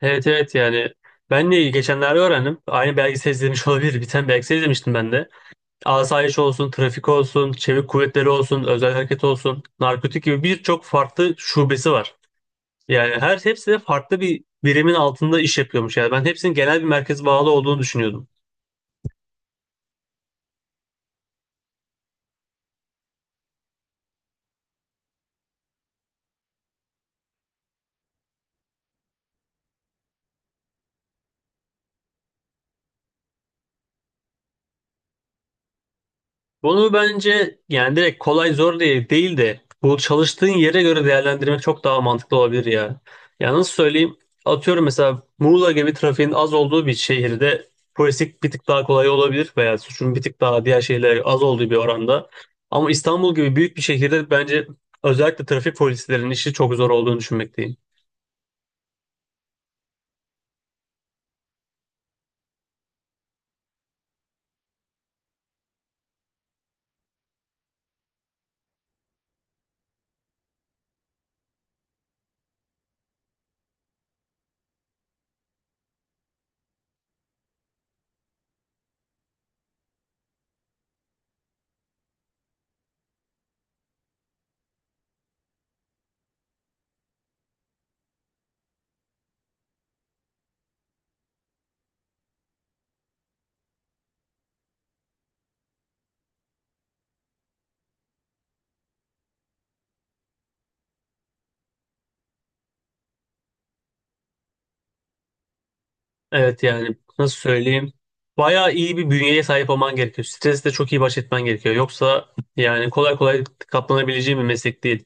Evet, evet, yani ben de geçenlerde öğrendim. Aynı belgesel izlemiş olabilir. Bir tane belgesel izlemiştim ben de. Asayiş olsun, trafik olsun, çevik kuvvetleri olsun, özel hareket olsun, narkotik gibi birçok farklı şubesi var. Yani hepsi de farklı bir birimin altında iş yapıyormuş. Yani ben hepsinin genel bir merkeze bağlı olduğunu düşünüyordum. Bunu bence yani direkt kolay zor diye değil de bu çalıştığın yere göre değerlendirmek çok daha mantıklı olabilir ya. Ya nasıl söyleyeyim? Atıyorum mesela Muğla gibi trafiğin az olduğu bir şehirde polislik bir tık daha kolay olabilir veya suçun bir tık daha diğer şehirlere az olduğu bir oranda. Ama İstanbul gibi büyük bir şehirde bence özellikle trafik polislerinin işi çok zor olduğunu düşünmekteyim. Evet yani nasıl söyleyeyim? Bayağı iyi bir bünyeye sahip olman gerekiyor. Stresle çok iyi baş etmen gerekiyor. Yoksa yani kolay kolay katlanabileceğin bir meslek değil.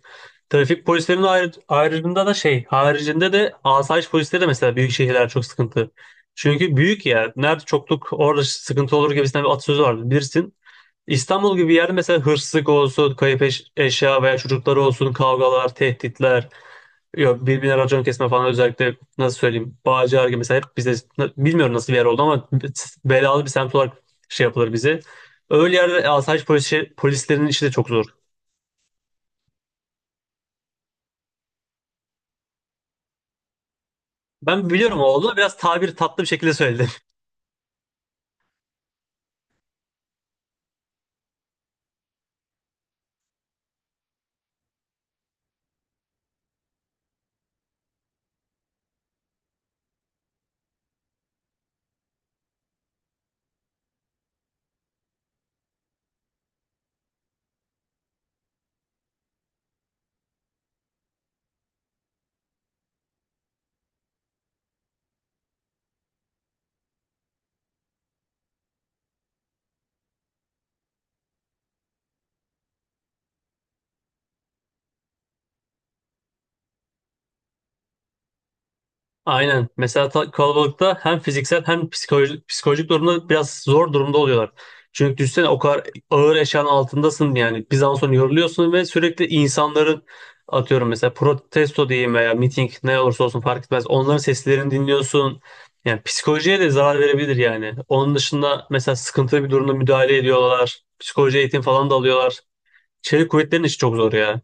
Trafik polislerinin ayrı, ayrıcında da şey, haricinde de asayiş polisleri de mesela büyük şehirler çok sıkıntı. Çünkü büyük yer, nerede çokluk orada sıkıntı olur gibisinden bir atasözü vardı bilirsin. İstanbul gibi bir yerde mesela hırsızlık olsun, kayıp eşya veya çocukları olsun, kavgalar, tehditler. Yok birbirine racon kesme falan, özellikle nasıl söyleyeyim, Bağcılar gibi mesela. Hep bize bilmiyorum nasıl bir yer oldu ama belalı bir semt olarak şey yapılır bize. Öyle yerde asayiş polisi, polislerinin işi de çok zor. Ben biliyorum o oldu, biraz tabir tatlı bir şekilde söyledi. Aynen. Mesela kalabalıkta hem fiziksel hem psikolojik durumda biraz zor durumda oluyorlar. Çünkü düşünsene o kadar ağır eşyanın altındasın, yani bir zaman sonra yoruluyorsun ve sürekli insanların, atıyorum mesela protesto diyeyim veya miting, ne olursa olsun fark etmez, onların seslerini dinliyorsun. Yani psikolojiye de zarar verebilir yani. Onun dışında mesela sıkıntılı bir durumda müdahale ediyorlar. Psikoloji eğitim falan da alıyorlar. Çevik kuvvetlerin işi çok zor ya.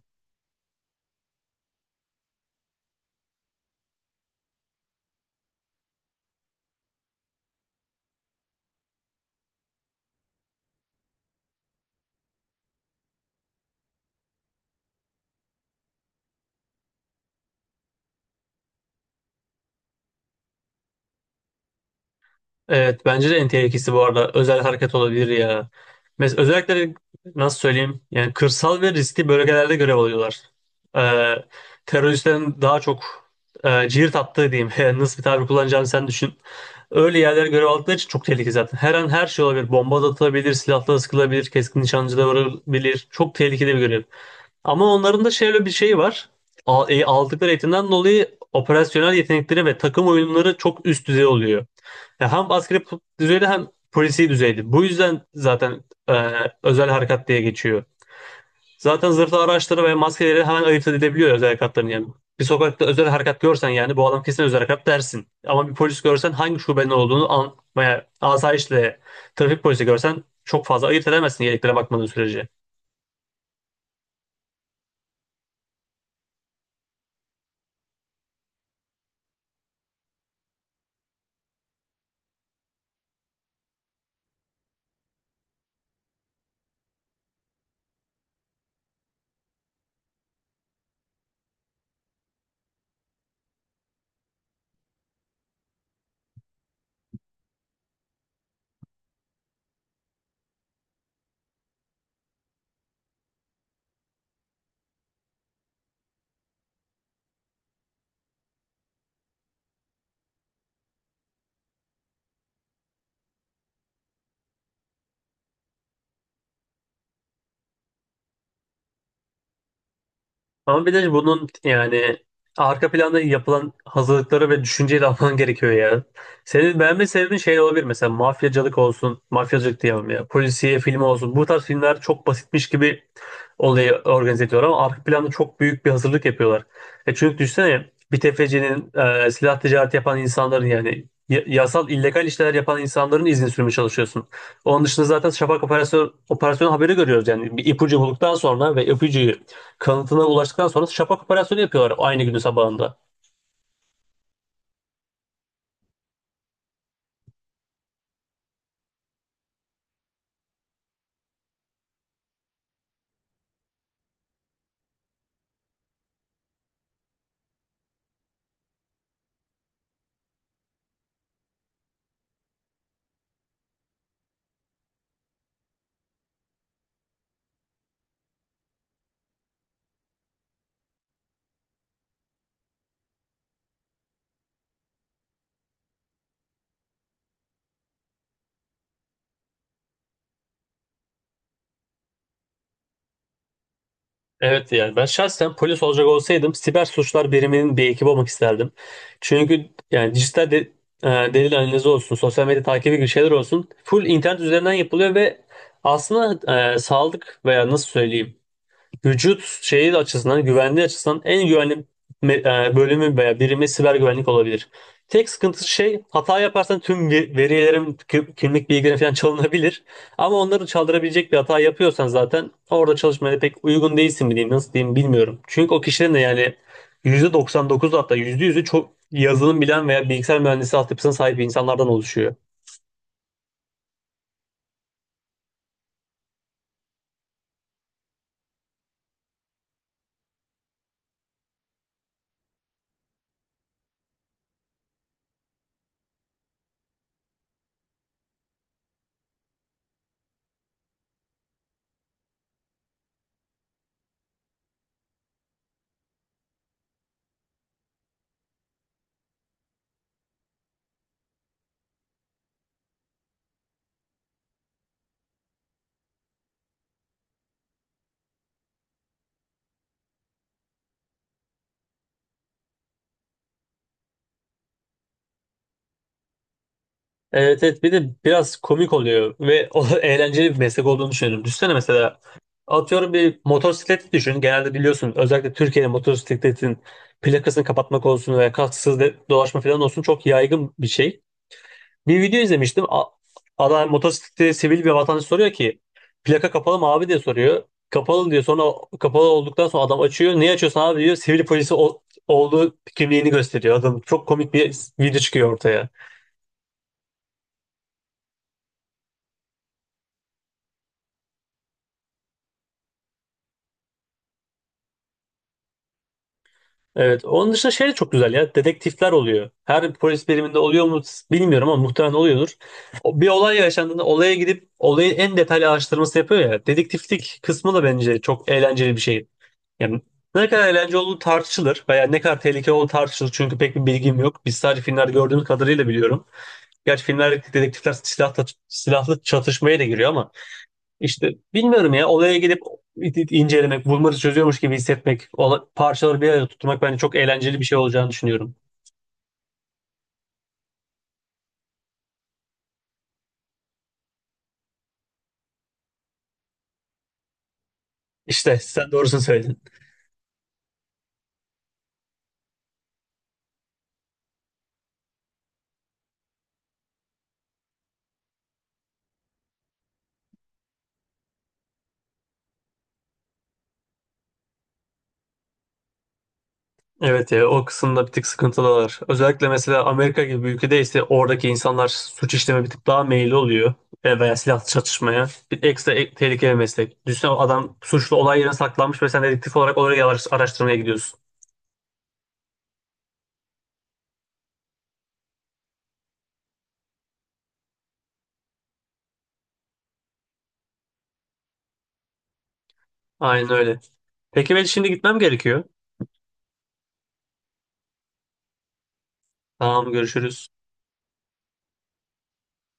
Evet bence de en tehlikesi bu arada özel hareket olabilir ya. Mesela özellikle nasıl söyleyeyim, yani kırsal ve riskli bölgelerde görev alıyorlar. Ee, Teröristlerin daha çok cirit attığı diyeyim Yani nasıl bir tabir kullanacağını sen düşün. Öyle yerlere görev aldıkları için çok tehlikeli zaten. Her an her şey olabilir. Bomba da atılabilir, silahla sıkılabilir, keskin nişancı da varabilir. Çok tehlikeli bir görev. Ama onların da şöyle bir şey var. Aldıkları eğitimden dolayı operasyonel yetenekleri ve takım oyunları çok üst düzey oluyor. Ya hem askeri düzeyde hem polisi düzeyde. Bu yüzden zaten e, özel harekat diye geçiyor. Zaten zırhlı araçları ve maskeleri hemen ayırt edilebiliyor özel harekatların yani. Bir sokakta özel harekat görsen yani bu adam kesin özel harekat dersin. Ama bir polis görsen hangi şubenin olduğunu an veya asayişle trafik polisi görsen çok fazla ayırt edemezsin yeleklere bakmadığın sürece. Ama bir de bunun yani arka planda yapılan hazırlıkları ve düşünceyi de alman gerekiyor ya. Senin beğenme sebebin şey olabilir, mesela mafyacılık olsun, mafyacılık diyemem ya, polisiye filmi olsun. Bu tarz filmler çok basitmiş gibi olayı organize ediyorlar ama arka planda çok büyük bir hazırlık yapıyorlar. E çünkü düşünsene bir tefecinin, silah ticareti yapan insanların, yani yasal illegal işler yapan insanların izin sürmeye çalışıyorsun. Onun dışında zaten şafak operasyon haberi görüyoruz. Yani bir ipucu bulduktan sonra ve ipucuyu kanıtına ulaştıktan sonra şapak operasyonu yapıyorlar aynı günün sabahında. Evet yani ben şahsen polis olacak olsaydım siber suçlar biriminin bir ekibi olmak isterdim. Çünkü yani dijital e, delil analizi olsun, sosyal medya takibi gibi şeyler olsun. Full internet üzerinden yapılıyor ve aslında sağlık veya nasıl söyleyeyim, vücut şeyi açısından, güvenliği açısından en güvenli bölümü veya birimi siber güvenlik olabilir. Tek sıkıntısı şey, hata yaparsan tüm verilerim, kimlik bilgilerin falan çalınabilir. Ama onları çaldırabilecek bir hata yapıyorsan zaten orada çalışmaya pek uygun değilsin mi diyeyim, nasıl diyeyim bilmiyorum. Çünkü o kişilerin de yani %99, hatta yüzde yüzü çok yazılım bilen veya bilgisayar mühendisi altyapısına sahip insanlardan oluşuyor. Evet, evet, bir de biraz komik oluyor ve o eğlenceli bir meslek olduğunu düşünüyorum. Düşünsene mesela, atıyorum, bir motosikleti düşün. Genelde biliyorsun özellikle Türkiye'de motosikletin plakasını kapatmak olsun veya kasksız dolaşma falan olsun çok yaygın bir şey. Bir video izlemiştim. Adam motosiklette, sivil bir vatandaş soruyor ki plaka kapalı mı abi diye soruyor. Kapalı diyor. Sonra kapalı olduktan sonra adam açıyor. Niye açıyorsun abi diyor. Sivil polisi olduğu kimliğini gösteriyor. Adam, çok komik bir video çıkıyor ortaya. Evet. Onun dışında şey de çok güzel ya. Dedektifler oluyor. Her polis biriminde oluyor mu bilmiyorum ama muhtemelen oluyordur. Bir olay yaşandığında olaya gidip olayı en detaylı araştırması yapıyor ya. Dedektiflik kısmı da bence çok eğlenceli bir şey. Yani ne kadar eğlenceli olduğu tartışılır veya ne kadar tehlikeli olduğu tartışılır. Çünkü pek bir bilgim yok. Biz sadece filmlerde gördüğümüz kadarıyla biliyorum. Gerçi filmlerdeki dedektifler silahlı çatışmaya da giriyor ama işte bilmiyorum ya, olaya gidip incelemek, bulmaca çözüyormuş gibi hissetmek, parçaları bir arada tutmak bence çok eğlenceli bir şey olacağını düşünüyorum. İşte sen doğrusunu söyledin. Evet ya, o kısımda bir tık sıkıntılılar. Özellikle mesela Amerika gibi bir ülkede ise oradaki insanlar suç işleme bir tık daha meyilli oluyor. E, veya silahlı çatışmaya. Bir ekstra tehlikeli bir meslek. Düşünsene, adam suçlu olay yerine saklanmış ve sen dedektif olarak oraya araştırmaya gidiyorsun. Aynen öyle. Peki ben şimdi gitmem gerekiyor. Tamam, görüşürüz.